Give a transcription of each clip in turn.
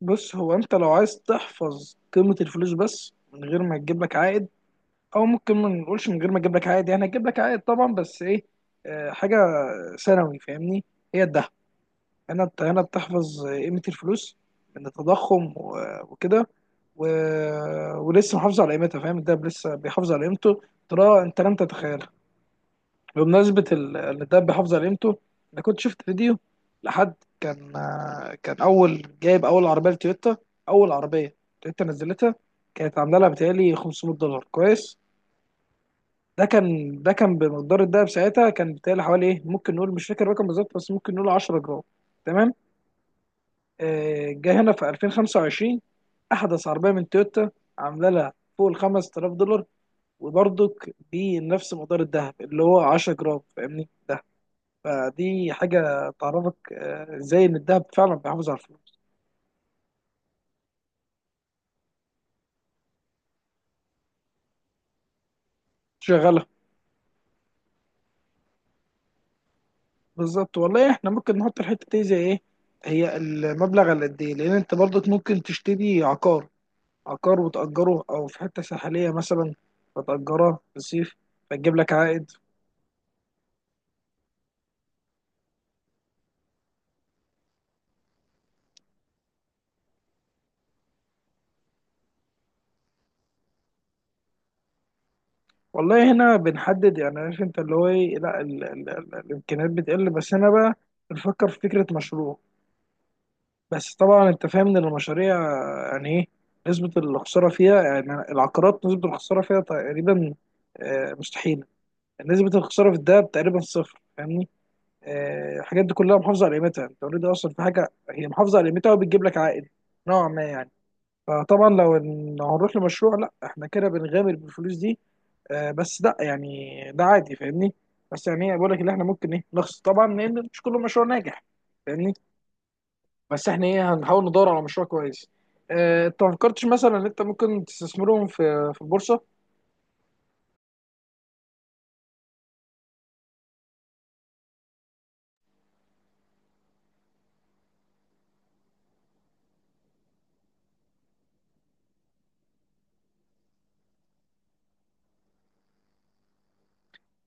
بص، هو انت لو عايز تحفظ قيمة الفلوس بس من غير ما تجيب لك عائد، او ممكن ما نقولش من غير ما تجيب لك عائد، يعني هتجيب لك عائد طبعا، بس ايه؟ حاجة ثانوي، فاهمني؟ هي الذهب. هنا بتحفظ قيمة الفلوس من التضخم و- وكده و... ولسه محافظ على قيمتها، فاهم؟ الدهب لسه بيحافظ على قيمته. ترى انت لم تتخيل. بمناسبة الدب حافظ على قيمته، أنا كنت شفت فيديو لحد كان أول جايب أول عربية لتويوتا. أول عربية تويوتا نزلتها، كانت عاملة لها بتهيألي 500 دولار، كويس. ده كان بمقدار الدهب ساعتها، كان بتهيألي حوالي إيه، ممكن نقول، مش فاكر الرقم بالظبط، بس ممكن نقول 10 جرام، تمام. جه هنا في 2025 أحدث عربية من تويوتا، عاملة لها فوق ال 5000 دولار، وبرضك بنفس مقدار الدهب اللي هو 10 جرام، فاهمني؟ فدي حاجة تعرفك ازاي ان الذهب فعلا بيحافظ على الفلوس. شغالة بالظبط والله. احنا ممكن نحط الحتة دي زي ايه، هي المبلغ على قد ايه، لان انت برضك ممكن تشتري عقار، عقار وتأجره، او في حتة ساحلية مثلا فتأجرها في الصيف، فتجيب لك عائد. والله هنا بنحدد يعني، عارف انت اللي هو ايه، لا ال ال ال الامكانيات بتقل، بس هنا بقى بنفكر في فكرة مشروع. بس طبعا انت فاهم ان المشاريع يعني ايه نسبة الخسارة فيها، يعني العقارات نسبة الخسارة فيها تقريبا مستحيلة. نسبة الخسارة في الدهب تقريبا صفر، فاهمني؟ الحاجات دي كلها محافظة على قيمتها، انت اوريدي اصلا في حاجة هي محافظة على قيمتها وبتجيب لك عائد نوعا ما يعني. فطبعا لو هنروح لمشروع، لا احنا كده بنغامر بالفلوس دي. بس لا يعني ده عادي، فاهمني. بس يعني ايه، بقول لك اللي احنا ممكن ايه نخسر طبعا، لان مش كل مشروع ناجح، فاهمني. بس احنا ايه، هنحاول ندور على مشروع كويس. اه، انت ما فكرتش مثلا ان انت ممكن تستثمرهم في البورصه؟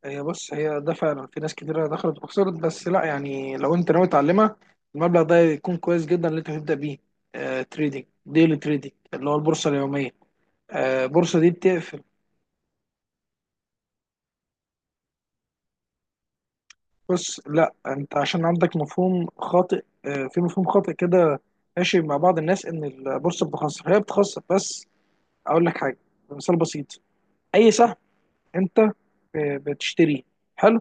هي بص، هي ده فعلا في ناس كتيره دخلت وخسرت، بس لا يعني لو انت ناوي تعلمها، المبلغ ده يكون كويس جدا اللي انت هتبدا بيه. اه، تريدينج، ديلي تريدينج، اللي هو البورصه اليوميه. اه البورصه دي بتقفل. بص لا، انت عشان عندك مفهوم خاطئ، اه في مفهوم خاطئ كده ماشي مع بعض الناس ان البورصه بتخسر، هي بتخسر بس. اقول لك حاجه، مثال بسيط. اي سهم انت بتشتريه، حلو.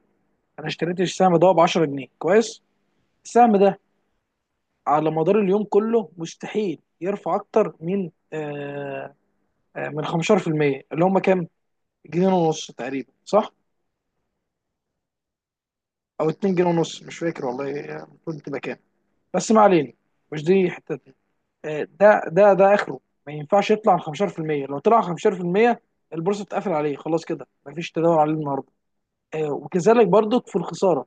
انا اشتريت السهم ده ب 10 جنيه، كويس. السهم ده على مدار اليوم كله مستحيل يرفع اكتر من من 15%، اللي هم كام، جنيه ونص تقريبا صح؟ او 2 جنيه ونص، مش فاكر والله، المفروض تبقى كام. بس ما علينا، مش دي حتتنا. آه ده اخره، ما ينفعش يطلع عن 15%. لو طلع عن 15%، البورصه بتقفل عليه خلاص، كده مفيش تداول عليه النهارده. وكذلك برضك في الخساره.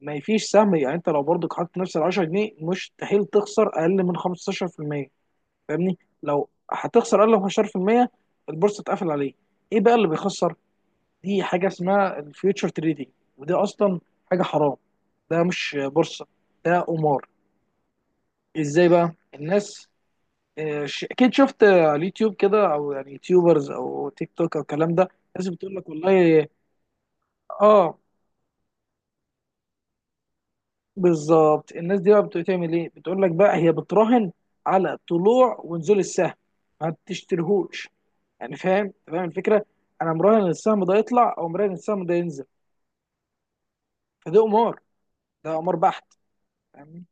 ما فيش سهم يعني، انت لو برضك حاطط نفس ال 10 جنيه مستحيل تخسر اقل من 15%، فاهمني. لو هتخسر اقل من 15%، البورصه اتقفل عليه. ايه بقى اللي بيخسر؟ دي حاجه اسمها الفيوتشر تريدينج، ودي اصلا حاجه حرام. ده مش بورصه، ده قمار. ازاي بقى الناس؟ اكيد شفت على اليوتيوب كده، او يعني يوتيوبرز او تيك توك او الكلام ده. الناس بتقول لك، والله اه بالظبط. الناس دي بقى بتعمل ايه، بتقول لك بقى، هي بتراهن على طلوع ونزول السهم، ما بتشتريهوش يعني، فاهم؟ أنت فاهم الفكره. انا مراهن إن السهم ده يطلع او مراهن إن السهم ده ينزل، فده قمار، ده قمار بحت، فاهمني.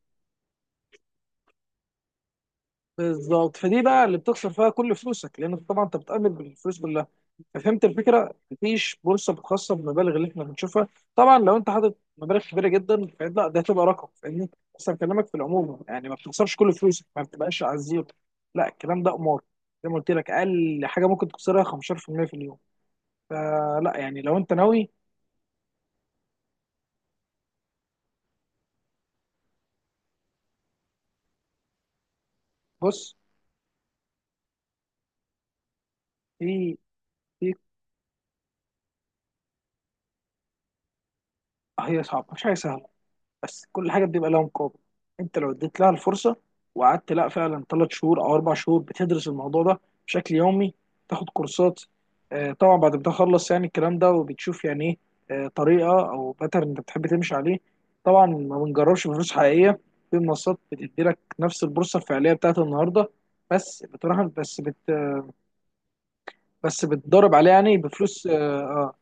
بالظبط. فدي بقى اللي بتخسر فيها كل فلوسك لان طبعا انت بتأمن بالفلوس كلها. ففهمت الفكره، مفيش بورصه خاصه بالمبالغ اللي احنا بنشوفها. طبعا لو انت حاطط مبالغ كبيره جدا لا، ده هتبقى رقم، فاهمني. بس انا بكلمك في العموم يعني، ما بتخسرش كل فلوسك، ما بتبقاش على الزيرو. لا الكلام ده قمار، زي ما قلت لك اقل حاجه ممكن تخسرها 15% في المية في اليوم. فلا يعني لو انت ناوي. بص، في في هي صعبه، مش حاجه سهله، بس كل حاجه بيبقى لها مقابل. انت لو اديت لها الفرصه وقعدت لا، فعلا 3 شهور او 4 شهور بتدرس الموضوع ده بشكل يومي، تاخد كورسات. طبعا بعد ما تخلص يعني الكلام ده وبتشوف يعني ايه طريقه او باترن انت بتحب تمشي عليه. طبعا ما بنجربش بفلوس حقيقيه. في منصات بتدي لك نفس البورصه الفعليه بتاعت النهارده، بس بتراهن، بس بت بس بتضرب عليها يعني بفلوس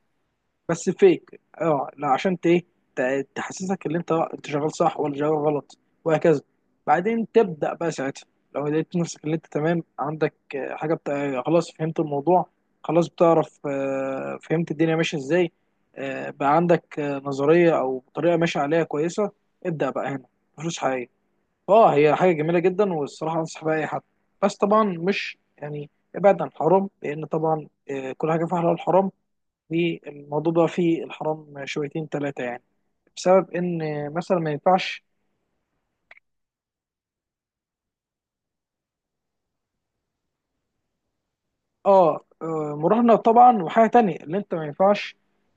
بس فيك اه لا، عشان تحسسك ان انت شغال صح ولا شغال غلط، وهكذا. بعدين تبدا بقى ساعتها. لو لقيت نفسك ان انت تمام، عندك حاجه خلاص فهمت الموضوع، خلاص بتعرف فهمت الدنيا ماشيه ازاي، بقى عندك نظريه او طريقه ماشيه عليها كويسه. ابدا بقى هنا فلوس حقيقيه. اه، هي حاجه جميله جدا والصراحه انصح بيها اي حد. بس طبعا مش يعني، ابعد عن الحرام، لان طبعا كل حاجه فيها حلال وحرام. الموضوع بقى فيه الحرام شويتين ثلاثة يعني، بسبب إن مثلا ما ينفعش مراهنة طبعا. وحاجة تانية اللي أنت ما ينفعش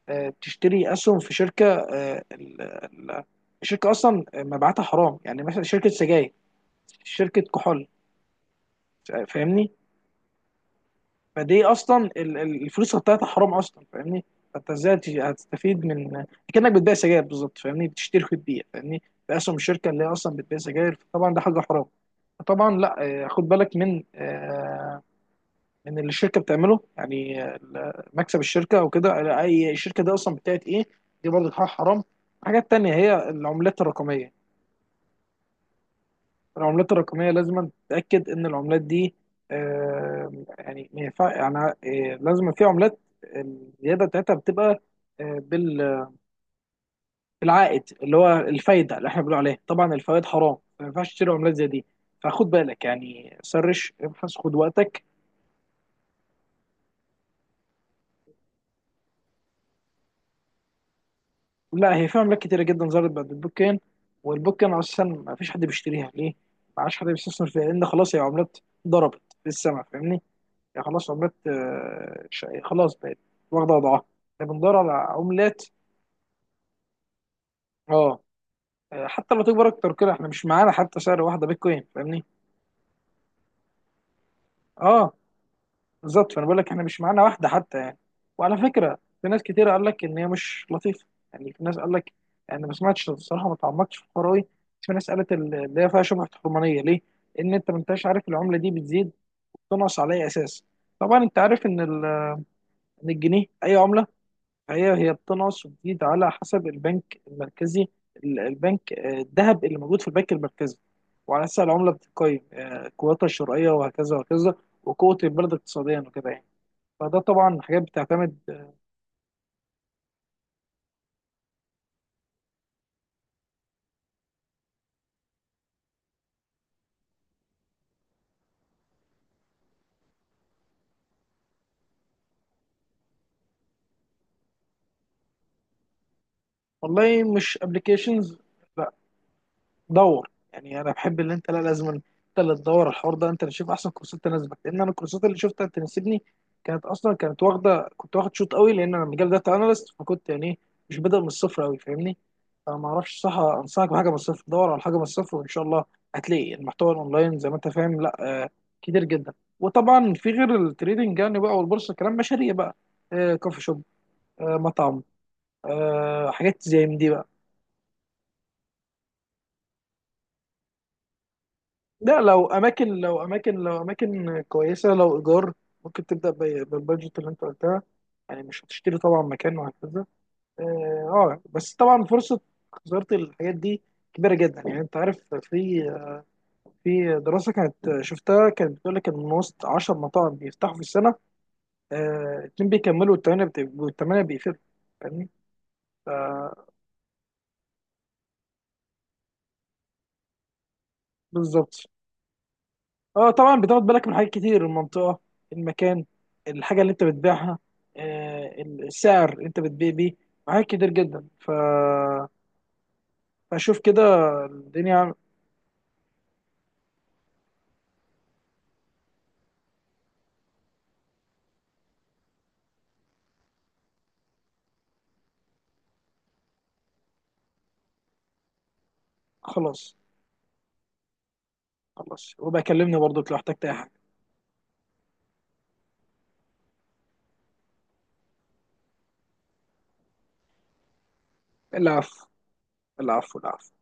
تشتري أسهم في شركة الشركة أصلا مبيعاتها حرام، يعني مثلا شركة سجاير، شركة كحول، فاهمني. فدي اصلا الفلوس بتاعتها حرام اصلا، فاهمني. فانت ازاي هتستفيد من؟ كانك بتبيع سجاير بالظبط، فاهمني، بتشتري وتبيع، فاهمني. في اسهم الشركه اللي هي اصلا بتبيع سجاير، طبعا ده حاجه حرام. طبعا لا. خد بالك من من اللي الشركه بتعمله، يعني مكسب الشركه او كده، اي الشركه دي اصلا بتاعت ايه. دي برضه حاجه حرام. حاجات تانية هي العملات الرقميه. العملات الرقمية لازم تتأكد إن العملات دي يعني ما ينفع يعني لازم في عملات الزيادة بتاعتها بتبقى آه، بال- بالعائد اللي هو الفايدة اللي احنا بنقول عليها، طبعا الفوائد حرام، ما ينفعش تشتري عملات زي دي. فخد بالك يعني، سرش ابحث، خد وقتك. لا هي في عملات كتيرة جدا ظهرت بعد البوكين. والبوكين أصلا ما فيش حد بيشتريها، ليه؟ ما عادش حد بيستثمر فيها لأن خلاص، هي عملات ضربت في السما، فاهمني؟ يعني خلاص عملات خلاص بقت واخده وضعها. احنا بندور على عملات. اه. حتى لو تكبر اكتر كده، احنا مش معانا حتى سعر واحده بيتكوين، فاهمني. اه بالظبط، فانا بقول لك احنا مش معانا واحده حتى يعني. وعلى فكره، في ناس كتير قال لك ان هي مش لطيفه. يعني في ناس قال لك، يعني انا ما سمعتش الصراحه، ما تعمقتش في الحوار أوي، بس في ناس قالت اللي هي فيها شبهه حرمانيه، ليه؟ ان انت ما انتش عارف العمله دي بتزيد وبتنقص على اي اساس. طبعا انت عارف ان إن الجنيه اي عمله، هي هي بتنقص وتزيد على حسب البنك المركزي، ال- البنك آه، الذهب اللي موجود في البنك المركزي، وعلى اساس العمله بتقيم قوتها الشرائيه، وهكذا وهكذا. وقوه البلد اقتصاديا وكده يعني. فده طبعا حاجات بتعتمد. والله مش ابلكيشنز، دور يعني، انا بحب اللي انت، لا لازم انت اللي تدور الحوار ده، انت اللي تشوف احسن كورسات تناسبك، لان انا الكورسات اللي شفتها تناسبني، كانت اصلا كانت واخده كنت واخد شوط قوي، لان انا مجال داتا اناليست، فكنت يعني إيه، مش بادئ من الصفر قوي، فاهمني. فما اعرفش صح انصحك بحاجه من الصفر، دور على حاجه من الصفر وان شاء الله هتلاقي المحتوى الاونلاين زي ما انت فاهم، لا آه كتير جدا. وطبعا في غير التريدنج يعني بقى والبورصه، كلام مشاريع بقى. كوفي شوب، مطعم، حاجات زي من دي بقى. لا، لو اماكن كويسه، لو ايجار ممكن تبدا بالبادجت اللي انت قلتها. يعني مش هتشتري طبعا مكان وهكذا. اه. بس طبعا فرصه خساره الحاجات دي كبيره جدا يعني، انت عارف، في في دراسه كانت شفتها كانت بتقول لك ان من وسط 10 مطاعم بيفتحوا في السنه، 2 بيكملوا، والثمانيه بيقفلوا، فاهمني؟ بالظبط. اه طبعا بتاخد بالك من حاجات كتير: المنطقة، المكان، الحاجة اللي انت بتبيعها، السعر اللي انت بتبيع بيه، حاجات كتير جدا فشوف كده. الدنيا خلاص. خلاص، وبكلمني برضك لو احتجت اي حاجة. العفو، العفو، العفو.